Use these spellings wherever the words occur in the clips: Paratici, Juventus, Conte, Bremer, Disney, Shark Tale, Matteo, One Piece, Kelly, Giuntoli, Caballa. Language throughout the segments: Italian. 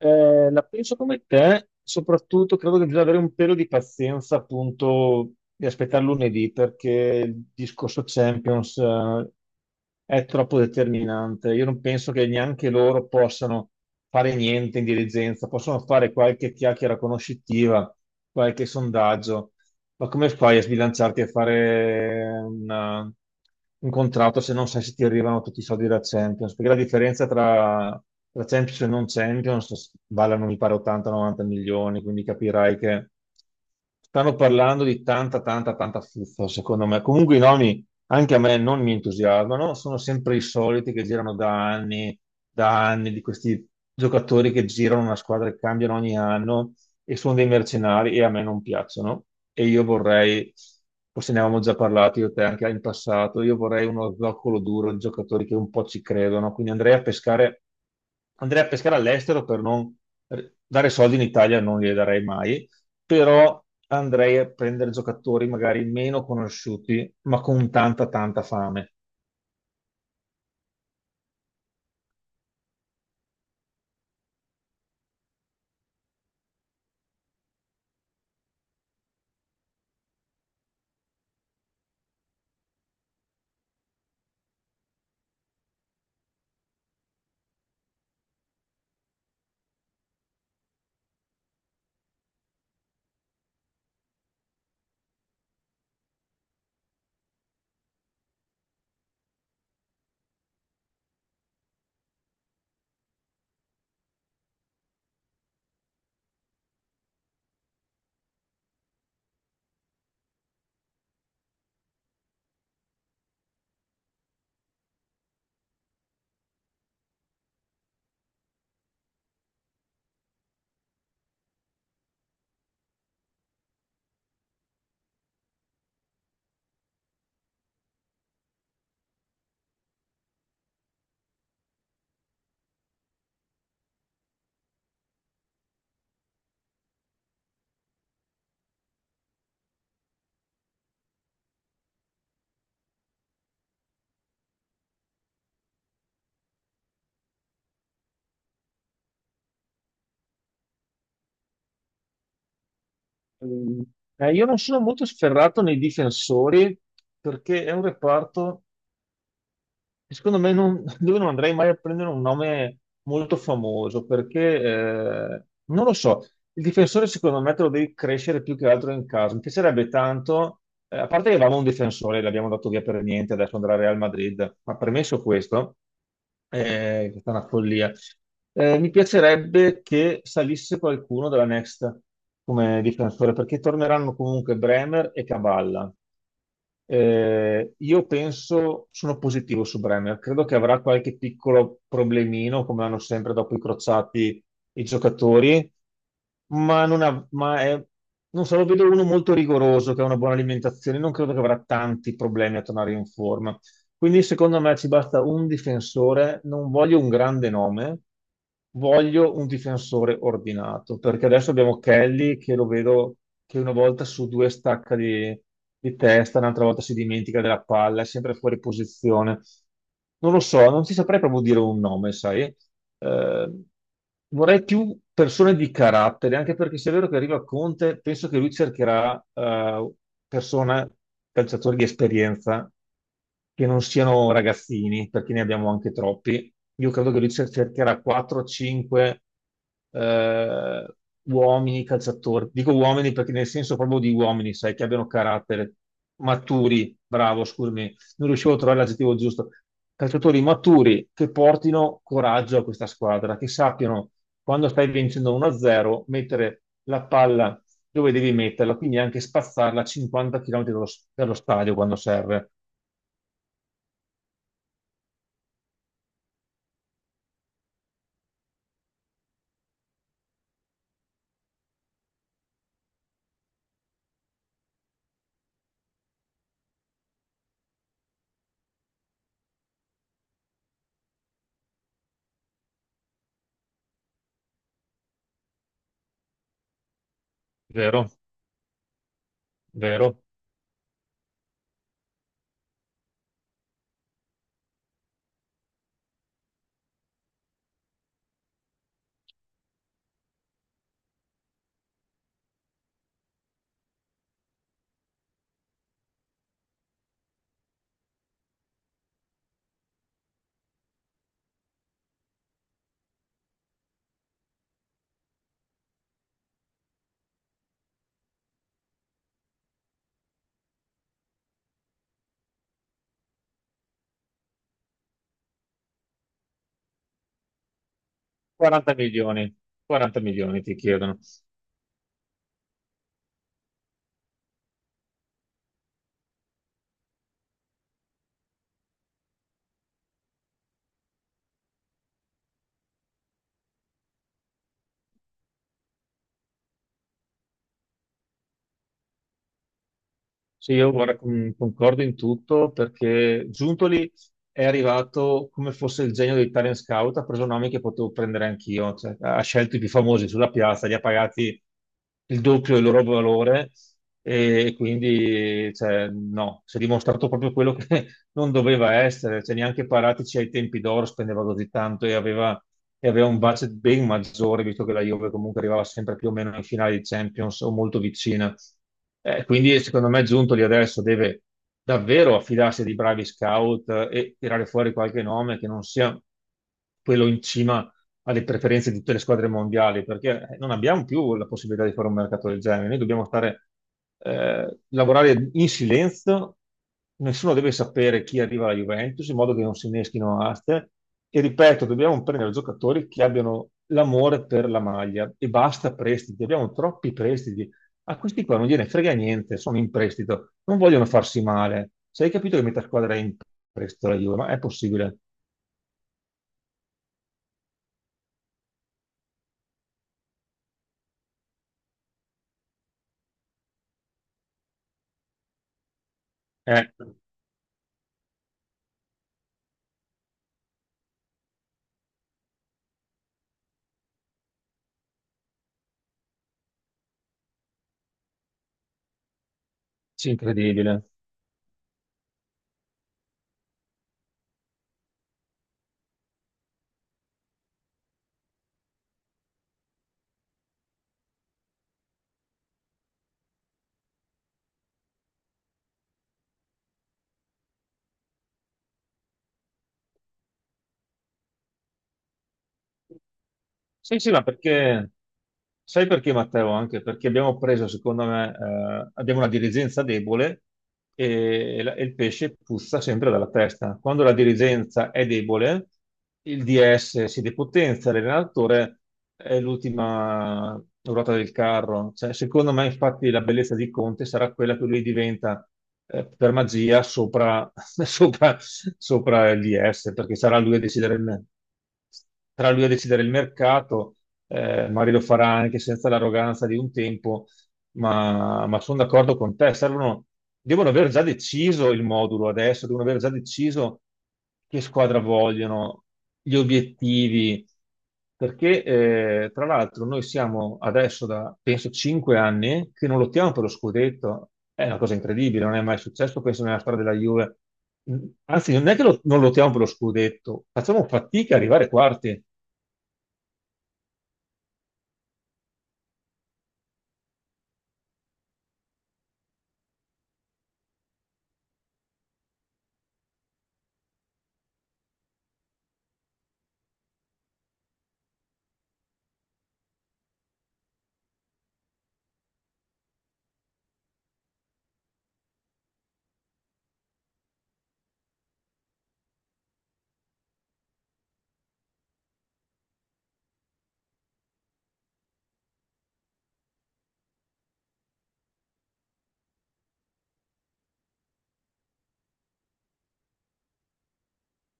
La penso come te, soprattutto credo che bisogna avere un pelo di pazienza, appunto, di aspettare lunedì perché il discorso Champions, è troppo determinante. Io non penso che neanche loro possano fare niente in dirigenza, possono fare qualche chiacchiera conoscitiva, qualche sondaggio, ma come fai a sbilanciarti a fare un contratto se non sai se ti arrivano tutti i soldi della Champions? Perché la differenza tra Champions e non Champions valano, mi pare, 80-90 milioni, quindi capirai che stanno parlando di tanta fuffa, secondo me. Comunque i nomi, anche a me, non mi entusiasmano, sono sempre i soliti che girano da anni, di questi giocatori che girano una squadra e cambiano ogni anno e sono dei mercenari e a me non piacciono. E io vorrei, forse ne avevamo già parlato io e te anche in passato, io vorrei uno zoccolo duro di giocatori che un po' ci credono. Quindi andrei a pescare all'estero per non dare soldi in Italia, non li darei mai, però andrei a prendere giocatori magari meno conosciuti, ma con tanta, tanta fame. Mm. Io non sono molto sferrato nei difensori perché è un reparto. Secondo me non, Dove non andrei mai a prendere un nome molto famoso perché non lo so, il difensore secondo me te lo devi crescere più che altro in casa. Mi piacerebbe tanto, a parte che avevamo un difensore, l'abbiamo dato via per niente, adesso andrà al Real Madrid, ma premesso questo, è stata una follia. Mi piacerebbe che salisse qualcuno della Next come difensore, perché torneranno comunque Bremer e Caballa. Io penso, sono positivo su Bremer, credo che avrà qualche piccolo problemino, come hanno sempre dopo i crociati i giocatori, ma, non, ha- ma è, non so, lo vedo uno molto rigoroso, che ha una buona alimentazione, non credo che avrà tanti problemi a tornare in forma. Quindi secondo me ci basta un difensore, non voglio un grande nome, voglio un difensore ordinato, perché adesso abbiamo Kelly che lo vedo che una volta su due stacca di testa, un'altra volta si dimentica della palla, è sempre fuori posizione. Non lo so, non ti saprei proprio dire un nome, sai? Eh, Vorrei più persone di carattere, anche perché se è vero che arriva Conte, penso che lui cercherà persone, calciatori di esperienza che non siano ragazzini, perché ne abbiamo anche troppi. Io credo che lui cercherà 4-5 eh, uomini calciatori. Dico uomini perché nel senso proprio di uomini, sai, che abbiano carattere, maturi, bravo, scusami, non riuscivo a trovare l'aggettivo giusto. Calciatori maturi che portino coraggio a questa squadra, che sappiano quando stai vincendo 1-0 mettere la palla dove devi metterla, quindi anche spazzarla a 50 km dallo dallo stadio quando serve. Vero, vero. 40 milioni, 40 milioni ti chiedono. Sì, io guarda, concordo in tutto perché Giuntoli è arrivato come fosse il genio dei talent scout, ha preso nomi che potevo prendere anch'io, cioè, ha scelto i più famosi sulla piazza, li ha pagati il doppio del loro valore e quindi cioè, no, si è dimostrato proprio quello che non doveva essere, cioè, neanche Paratici ai tempi d'oro spendeva così tanto e aveva un budget ben maggiore, visto che la Juve comunque arrivava sempre più o meno in finale di Champions o molto vicina. Quindi secondo me Giuntoli adesso deve davvero affidarsi a dei bravi scout e tirare fuori qualche nome che non sia quello in cima alle preferenze di tutte le squadre mondiali, perché non abbiamo più la possibilità di fare un mercato del genere. Noi dobbiamo stare, lavorare in silenzio, nessuno deve sapere chi arriva alla Juventus, in modo che non si inneschino aste. E ripeto, dobbiamo prendere giocatori che abbiano l'amore per la maglia e basta prestiti, abbiamo troppi prestiti. A questi qua non gliene frega niente, sono in prestito, non vogliono farsi male. Se hai capito che metà squadra è in prestito la Juve, ma è possibile? È incredibile. Sì, sì, ma perché, sai perché Matteo? Anche perché abbiamo preso, secondo me, abbiamo una dirigenza debole e il pesce puzza sempre dalla testa. Quando la dirigenza è debole, il DS si depotenzia, l'allenatore è l'ultima ruota del carro. Cioè, secondo me, infatti, la bellezza di Conte sarà quella che lui diventa, per magia sopra, sopra il DS, perché sarà lui a decidere il mercato, magari lo farà anche senza l'arroganza di un tempo, ma sono d'accordo con te, servono, devono aver già deciso il modulo adesso, devono aver già deciso che squadra vogliono, gli obiettivi, perché tra l'altro noi siamo adesso da, penso, 5 anni che non lottiamo per lo scudetto, è una cosa incredibile, non è mai successo, penso, nella storia della Juve. Anzi, non è che non lottiamo per lo scudetto, facciamo fatica a arrivare quarti.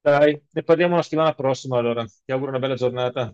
Dai, ne parliamo la settimana prossima allora. Ti auguro una bella giornata.